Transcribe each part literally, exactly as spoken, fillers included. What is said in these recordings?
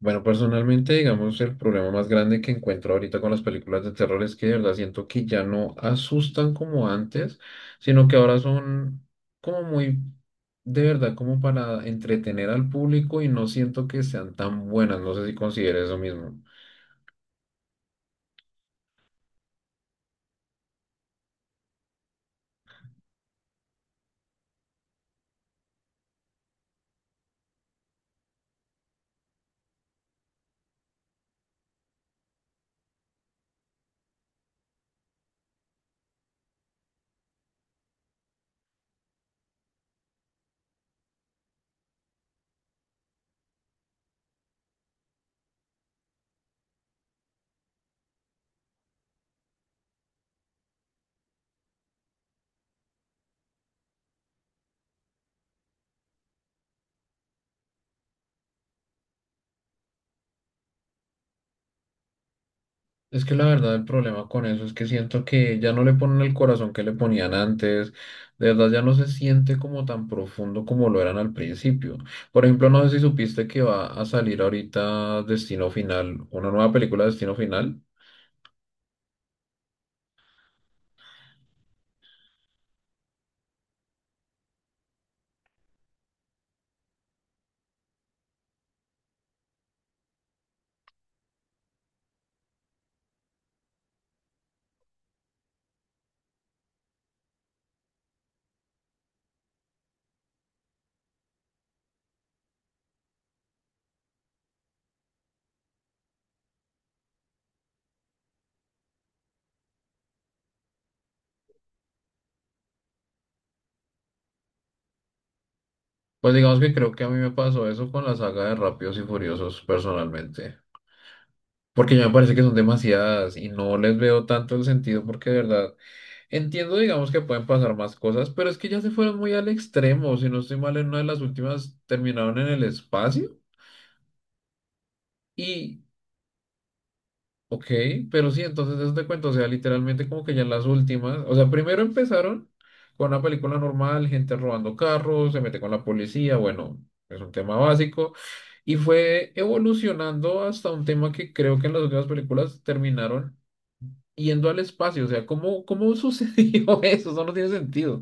Bueno, personalmente, digamos, el problema más grande que encuentro ahorita con las películas de terror es que de verdad siento que ya no asustan como antes, sino que ahora son como muy, de verdad, como para entretener al público y no siento que sean tan buenas. No sé si consideres eso mismo. Es que la verdad el problema con eso es que siento que ya no le ponen el corazón que le ponían antes, de verdad ya no se siente como tan profundo como lo eran al principio. Por ejemplo, no sé si supiste que va a salir ahorita Destino Final, una nueva película de Destino Final. Pues digamos que creo que a mí me pasó eso con la saga de Rápidos y Furiosos personalmente, porque ya me parece que son demasiadas y no les veo tanto el sentido porque de verdad... Entiendo, digamos, que pueden pasar más cosas, pero es que ya se fueron muy al extremo. Si no estoy mal, en una de las últimas terminaron en el espacio y, ok, pero sí, entonces eso te cuento, o sea, literalmente como que ya en las últimas, o sea, primero empezaron con una película normal, gente robando carros, se mete con la policía, bueno, es un tema básico, y fue evolucionando hasta un tema que creo que en las últimas películas terminaron yendo al espacio, o sea, ¿cómo, cómo sucedió eso? Eso no tiene sentido.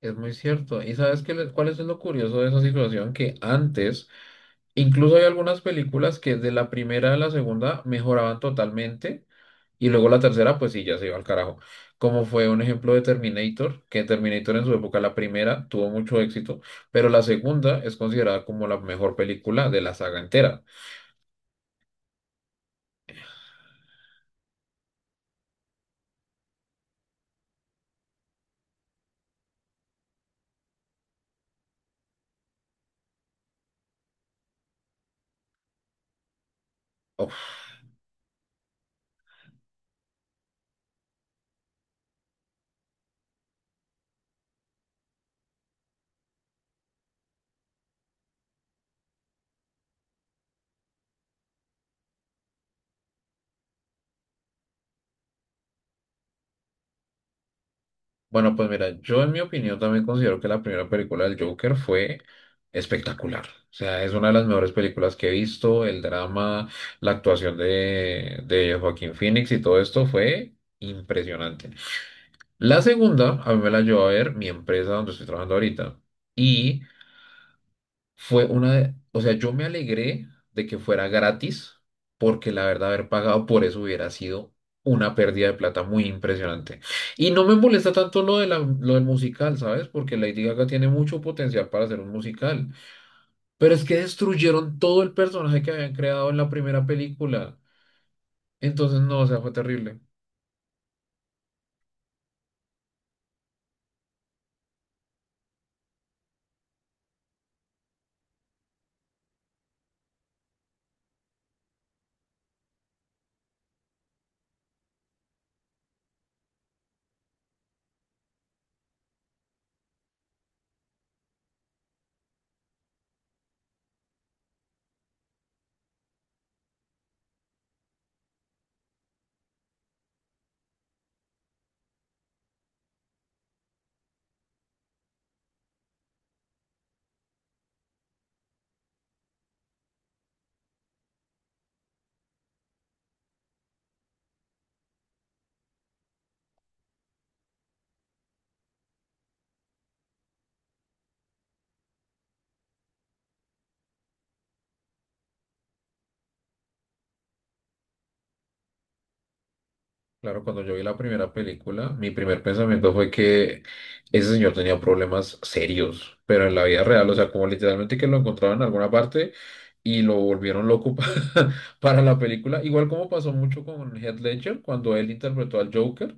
Es muy cierto. ¿Y sabes qué, le- cuál es lo curioso de esa situación? Que antes, incluso hay algunas películas que de la primera a la segunda mejoraban totalmente y luego la tercera, pues sí, ya se iba al carajo. Como fue un ejemplo de Terminator, que Terminator en su época, la primera, tuvo mucho éxito, pero la segunda es considerada como la mejor película de la saga entera. Bueno, pues mira, yo en mi opinión también considero que la primera película del Joker fue espectacular. O sea, es una de las mejores películas que he visto. El drama, la actuación de, de Joaquín Phoenix y todo esto fue impresionante. La segunda, a mí me la llevó a ver mi empresa donde estoy trabajando ahorita. Y fue una de, o sea, yo me alegré de que fuera gratis, porque la verdad haber pagado por eso hubiera sido una pérdida de plata muy impresionante. Y no me molesta tanto lo de la- lo del musical, ¿sabes? Porque Lady Gaga tiene mucho potencial para hacer un musical. Pero es que destruyeron todo el personaje que habían creado en la primera película. Entonces, no, o sea, fue terrible. Claro, cuando yo vi la primera película, mi primer pensamiento fue que ese señor tenía problemas serios, pero en la vida real, o sea, como literalmente que lo encontraron en alguna parte y lo volvieron loco pa- para la película. Igual como pasó mucho con Heath Ledger cuando él interpretó al Joker,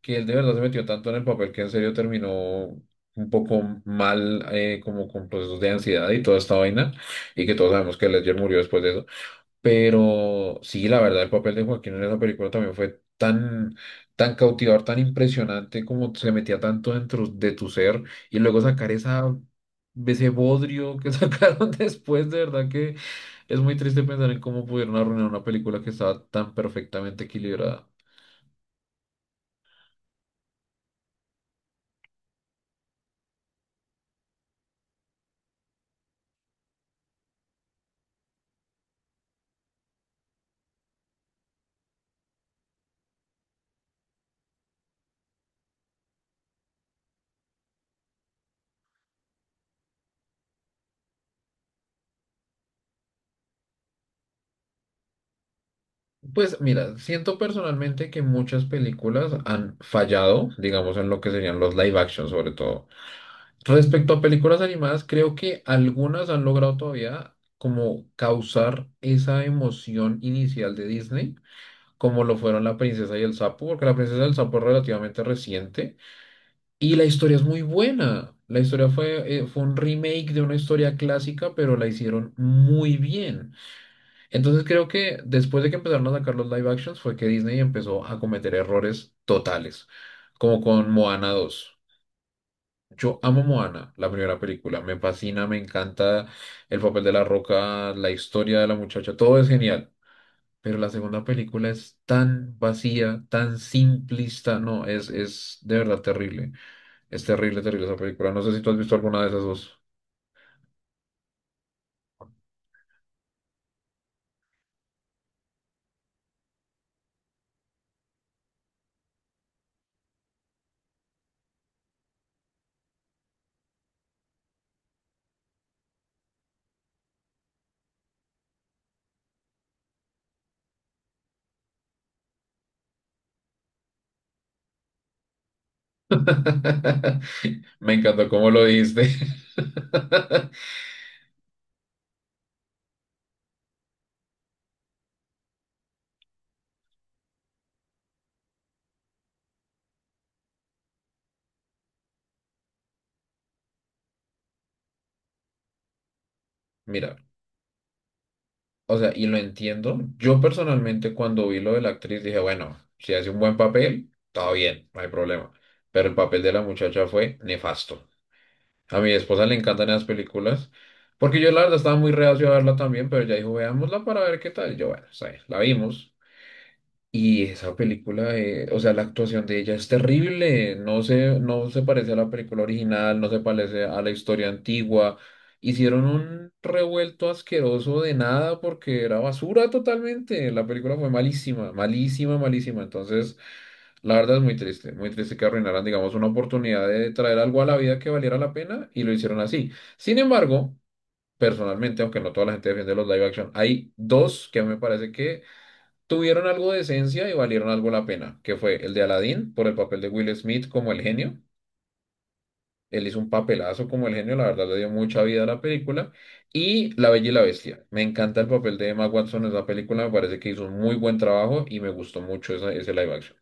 que él de verdad se metió tanto en el papel que en serio terminó un poco mal, eh, como con procesos de ansiedad y toda esta vaina, y que todos sabemos que Ledger murió después de eso. Pero sí, la verdad, el papel de Joaquín en esa película también fue tan, tan cautivador, tan impresionante, como se metía tanto dentro de tu ser, y luego sacar esa, ese bodrio que sacaron después, de verdad que es muy triste pensar en cómo pudieron arruinar una película que estaba tan perfectamente equilibrada. Pues mira, siento personalmente que muchas películas han fallado, digamos, en lo que serían los live action, sobre todo. Respecto a películas animadas, creo que algunas han logrado todavía como causar esa emoción inicial de Disney, como lo fueron La Princesa y el Sapo, porque La Princesa y el Sapo es relativamente reciente y la historia es muy buena. La historia fue, eh, fue un remake de una historia clásica, pero la hicieron muy bien. Entonces creo que después de que empezaron a sacar los live actions fue que Disney empezó a cometer errores totales, como con Moana dos yo amo Moana, la primera película. Me fascina, me encanta el papel de la roca, la historia de la muchacha, todo es genial. Pero la segunda película es tan vacía, tan simplista. No, es, es de verdad terrible. Es terrible, terrible esa película. No sé si tú has visto alguna de esas dos. Me encantó cómo lo dijiste. Mira. O sea, y lo entiendo. Yo personalmente cuando vi lo de la actriz dije, bueno, si hace un buen papel, todo bien, no hay problema. Pero el papel de la muchacha fue nefasto. A mi esposa le encantan esas películas, porque yo la verdad estaba muy reacio a verla también, pero ya dijo, veámosla para ver qué tal. Y yo, bueno, está bien, la vimos. Y esa película, eh, o sea, la actuación de ella es terrible, no se, no se parece a la película original, no se parece a la historia antigua. Hicieron un revuelto asqueroso de nada porque era basura totalmente. La película fue malísima, malísima, malísima. Entonces, la verdad es muy triste, muy triste que arruinaran, digamos, una oportunidad de traer algo a la vida que valiera la pena y lo hicieron así. Sin embargo, personalmente, aunque no toda la gente defiende los live action, hay dos que me parece que tuvieron algo de esencia y valieron algo la pena, que fue el de Aladdin por el papel de Will Smith como el genio. Él hizo un papelazo como el genio, la verdad le dio mucha vida a la película. Y La Bella y la Bestia. Me encanta el papel de Emma Watson en esa película, me parece que hizo un muy buen trabajo y me gustó mucho esa- ese live action.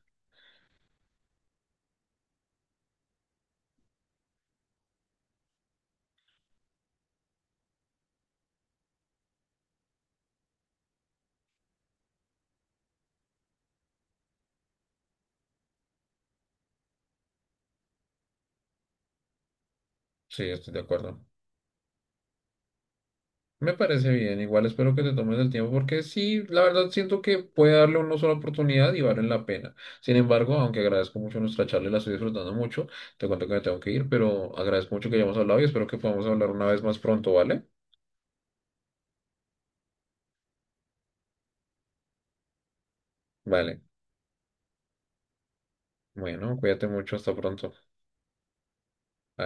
Sí, estoy de acuerdo. Me parece bien, igual espero que te tomes el tiempo porque sí, la verdad siento que puede darle una sola oportunidad y vale la pena. Sin embargo, aunque agradezco mucho nuestra charla y la estoy disfrutando mucho, te cuento que me tengo que ir, pero agradezco mucho que hayamos hablado y espero que podamos hablar una vez más pronto, ¿vale? Vale, bueno, cuídate mucho, hasta pronto. Adiós.